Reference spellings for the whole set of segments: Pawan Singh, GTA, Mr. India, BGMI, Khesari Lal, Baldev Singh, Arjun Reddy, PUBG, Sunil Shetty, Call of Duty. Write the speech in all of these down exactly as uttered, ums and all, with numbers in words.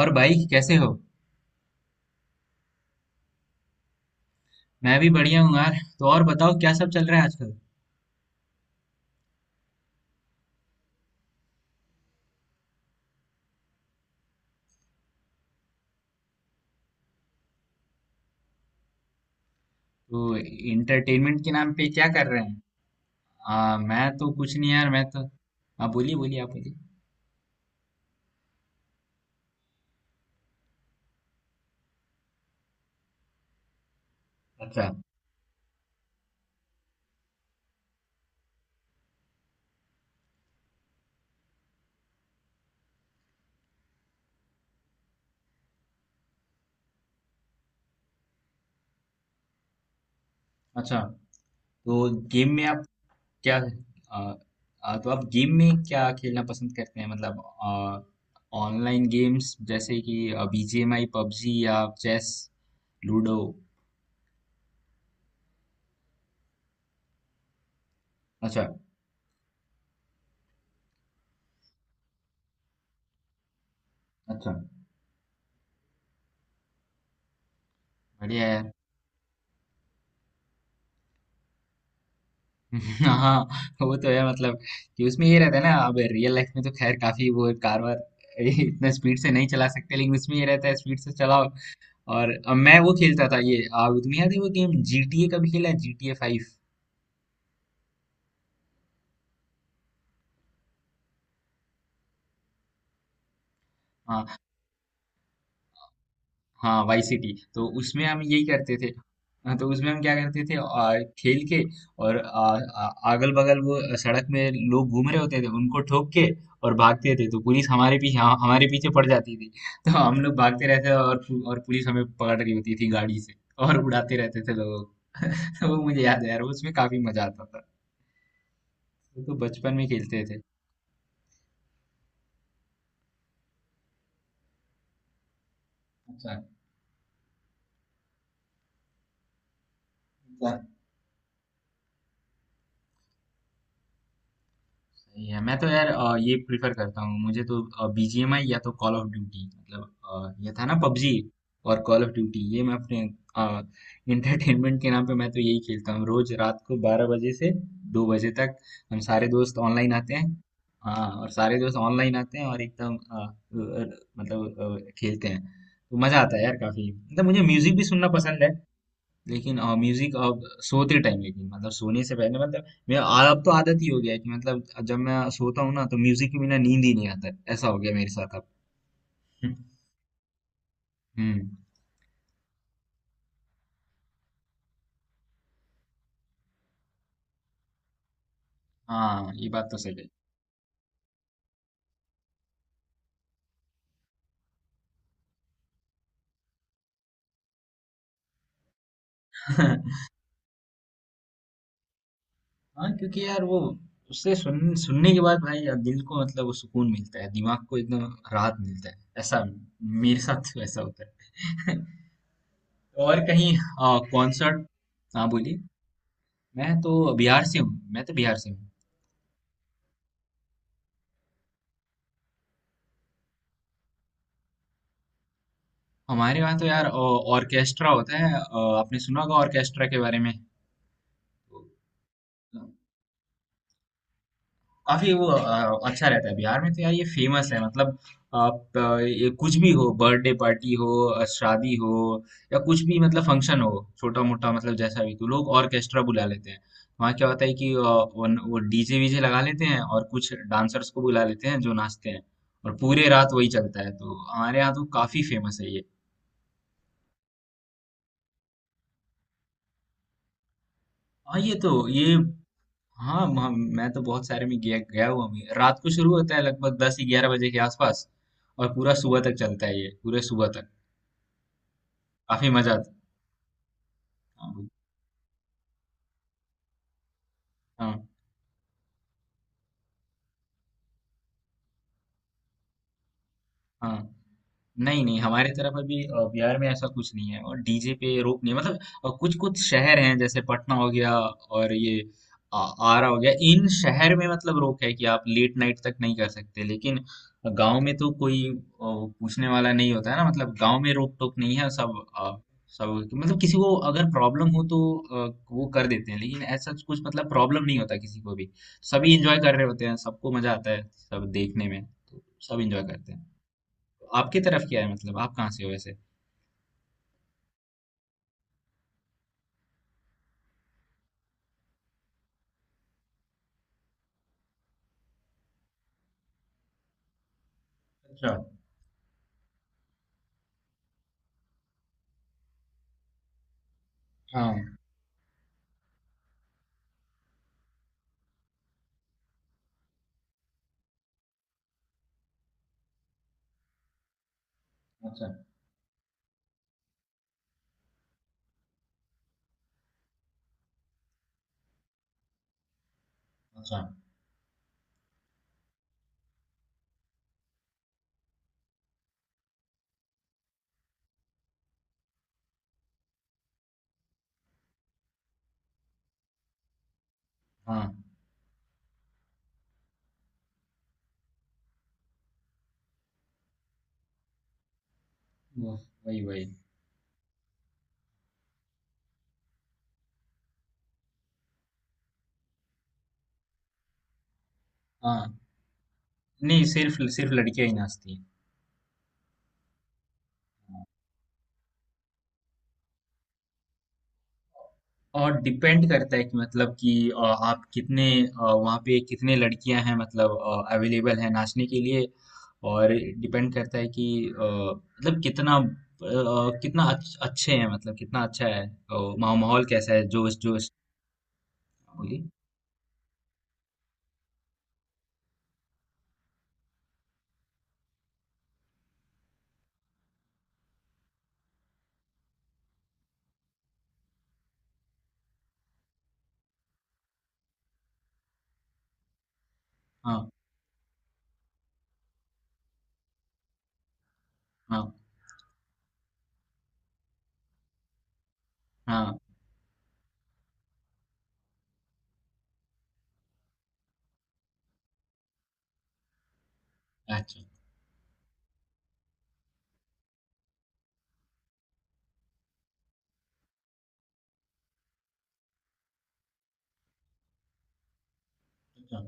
और भाई कैसे हो। मैं भी बढ़िया हूँ यार। तो और बताओ क्या सब चल रहा है आजकल। तो इंटरटेनमेंट के नाम पे क्या कर रहे हैं। आ, मैं तो कुछ नहीं यार मैं तो। आप बोलिए बोलिए आप बोलिए। अच्छा। अच्छा। तो गेम में आप क्या। आ, आ, तो आप गेम में क्या खेलना पसंद करते हैं मतलब, ऑनलाइन गेम्स जैसे कि बीजीएमआई पबजी या चेस लूडो। अच्छा। अच्छा। बढ़िया यार। हाँ। वो तो है मतलब कि उसमें ये रहता है ना। अब रियल लाइफ में तो खैर काफी वो कार वार इतना स्पीड से नहीं चला सकते लेकिन उसमें ये रहता है स्पीड से चलाओ। और अब मैं वो खेलता था ये आ, तुम्हें याद है वो गेम G T A का भी खेला है G T A फ़ाइव। हाँ वाई सिटी। तो उसमें हम यही करते थे। हाँ, तो उसमें हम क्या करते थे आ, खेल के और अगल बगल वो सड़क में लोग घूम रहे होते थे उनको ठोक के और भागते थे तो पुलिस हमारे पीछे, हाँ, हमारे पीछे पड़ जाती थी। तो हम लोग भागते रहते थे और और पुलिस हमें पकड़ रही होती थी गाड़ी से और उड़ाते रहते थे लोगों को तो वो मुझे याद है यार उसमें काफी मजा आता था। तो बचपन में खेलते थे। अच्छा। सही है। मैं तो यार अ, ये प्रिफर करता हूँ मुझे तो बीजीएमआई या तो कॉल ऑफ ड्यूटी मतलब अ, ये था ना पबजी और कॉल ऑफ ड्यूटी। ये मैं अपने इंटरटेनमेंट के नाम पे मैं तो यही खेलता हूँ रोज रात को बारह बजे से दो बजे तक। हम सारे दोस्त ऑनलाइन आते हैं। हाँ और सारे दोस्त ऑनलाइन आते हैं और एकदम अ, मतलब, अ, मतलब अ, खेलते हैं। तो मजा आता है यार काफी मतलब। मुझे म्यूजिक भी सुनना पसंद है लेकिन अ, म्यूजिक अब सोते टाइम। लेकिन मतलब सोने से पहले मतलब मैं अब तो आदत ही हो गया है कि मतलब जब मैं सोता हूँ ना तो म्यूजिक के बिना नींद ही नहीं आता है। ऐसा हो गया मेरे साथ अब। हम्म। हाँ ये बात तो सही है। हाँ क्योंकि यार वो उससे सुन, सुनने के बाद भाई यार दिल को मतलब वो सुकून मिलता है दिमाग को एकदम राहत मिलता है ऐसा मेरे साथ तो ऐसा होता है और कहीं कॉन्सर्ट। हाँ बोलिए। मैं तो बिहार से हूँ। मैं तो बिहार से हूँ। हमारे वहाँ तो यार ऑर्केस्ट्रा होता है। अ, आपने सुना होगा ऑर्केस्ट्रा के बारे में। काफी वो अ, अच्छा रहता है। बिहार में तो यार ये फेमस है मतलब। आप अ, ये कुछ भी हो, बर्थडे पार्टी हो, अ, शादी हो, या कुछ भी मतलब फंक्शन हो, छोटा मोटा मतलब जैसा भी, तो लोग ऑर्केस्ट्रा बुला लेते हैं। वहाँ क्या होता है कि अ, उन- वो डीजे वीजे लगा लेते हैं और कुछ डांसर्स को बुला लेते हैं जो नाचते हैं और पूरे रात वही चलता है। तो हमारे यहाँ तो काफी फेमस है ये। हाँ ये तो ये। हाँ म- मैं तो बहुत सारे में गया गया हुआ हूँ। रात को शुरू होता है लगभग दस ग्यारह बजे के आसपास और पूरा सुबह तक चलता है ये पूरे सुबह तक। काफी मजा आता है। हाँ। हाँ, नहीं, नहीं हमारे तरफ अभी अ, बिहार में ऐसा कुछ नहीं है और डीजे पे रोक नहीं है मतलब। अ, कुछ कुछ शहर हैं जैसे पटना हो गया और ये अ, आरा हो गया। इन शहर में मतलब रोक है कि आप लेट नाइट तक नहीं कर सकते लेकिन गांव में तो कोई अ, पूछने वाला नहीं होता है ना। मतलब गांव में रोक टोक नहीं है। सब अ, सब मतलब किसी को अगर प्रॉब्लम हो तो अ, वो कर देते हैं लेकिन ऐसा कुछ मतलब प्रॉब्लम नहीं होता किसी को भी। सभी एंजॉय कर रहे होते हैं सबको मजा आता है। सब देखने में तो सब एंजॉय करते हैं। आपकी तरफ क्या है मतलब आप कहाँ से हो वैसे? अच्छा। हाँ। अच्छा। अच्छा। हाँ। वो वही वही। हाँ, नहीं सिर्फ सिर्फ लड़कियां ही नाचती हैं। हाँ, और डिपेंड करता है कि मतलब कि अ, आप कितने अ, वहाँ पे कितने लड़कियां हैं मतलब अवेलेबल हैं नाचने के लिए। और डिपेंड करता है कि अ, मतलब कितना अ, कितना अच्छ- अच्छे हैं मतलब कितना अच्छा है अ, माहौल, माहौल कैसा है, जोश जोश। बोलिए। हाँ। हाँ। हाँ। अच्छा। अच्छा।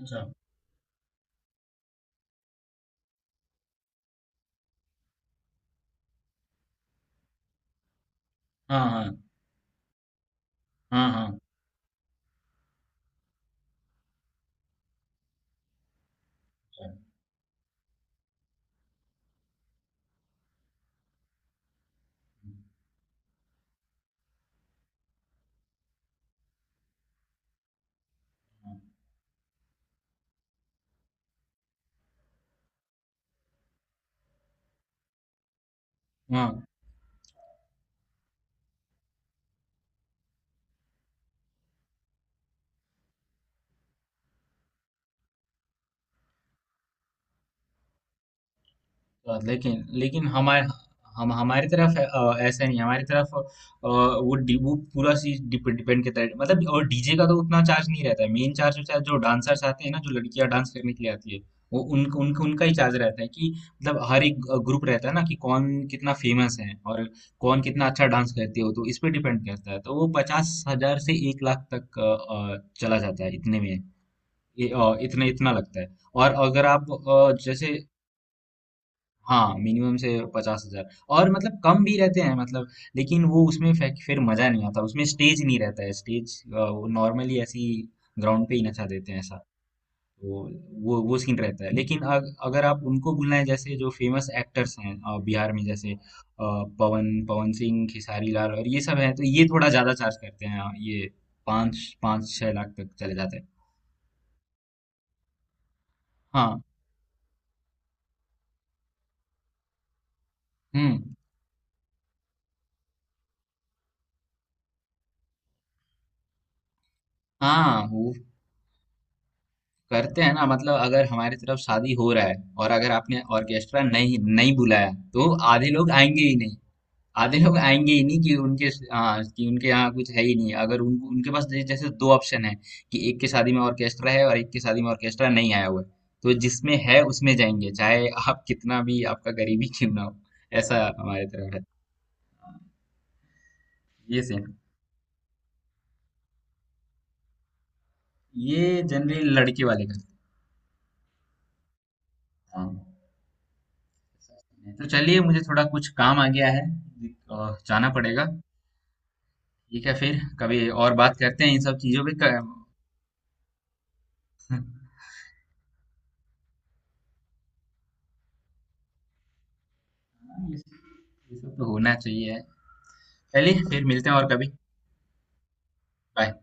अच्छा। हाँ। हाँ। हाँ, हाँ, हाँ, हाँ, हाँ, लेकिन लेकिन हमारे हम हमारी तरफ अ, ऐसा नहीं है। हमारी तरफ अ, वो डि, वो पूरा चीज डिपेंड करता है मतलब और डीजे का तो उतना चार्ज नहीं रहता है। मेन चार्ज होता है जो डांसर्स आते हैं ना, जो लड़कियां डांस करने के लिए आती है। वो उन, उन, उनका ही चार्ज रहता है कि मतलब हर एक ग्रुप रहता है ना कि कौन कितना फेमस है और कौन कितना अच्छा डांस करते हो। तो इस पे डिपेंड करता है। तो वो पचास हजार से एक लाख तक अ, अ, चला जाता है इतने में। ये, अ, इतने इतना लगता है। और अगर आप अ, जैसे। हाँ मिनिमम से पचास हजार। और मतलब कम भी रहते हैं मतलब। लेकिन वो उसमें फे- फिर मजा नहीं आता। उसमें स्टेज नहीं रहता है। स्टेज वो नॉर्मली ऐसी ग्राउंड पे ही नचा देते हैं ऐसा। तो वो वो सीन रहता है लेकिन अग, अगर आप उनको बुलाएं जैसे जो फेमस एक्टर्स हैं, अ, बिहार में जैसे अ, पवन पवन सिंह, खेसारी लाल और ये सब हैं, तो ये थोड़ा ज्यादा चार्ज करते हैं। अ, ये पाँच पाँच छह लाख तक चले जाते हैं। हाँ। हम्म। हाँ वो करते हैं ना मतलब। अगर हमारी तरफ शादी हो रहा है और अगर आपने ऑर्केस्ट्रा नहीं नहीं बुलाया, तो आधे लोग आएंगे ही नहीं। आधे लोग आएंगे ही नहीं कि उनके। हाँ, कि उनके यहाँ कुछ है ही नहीं। अगर उन, उनके पास जै- जैसे दो ऑप्शन है कि एक की शादी में ऑर्केस्ट्रा है और एक की शादी में ऑर्केस्ट्रा नहीं आया हुआ है, तो जिसमें है उसमें जाएंगे चाहे आप कितना भी आपका गरीबी क्यों ना हो। ऐसा हमारे तरफ है। ये सेम। ये जनरली लड़के वाले करते हैं। हाँ। तो चलिए मुझे थोड़ा कुछ काम आ गया है, अ, जाना पड़ेगा। ठीक है फिर कभी और बात करते हैं इन सब चीजों पे क- ये सब तो होना चाहिए। पहले फिर मिलते हैं और कभी। बाय।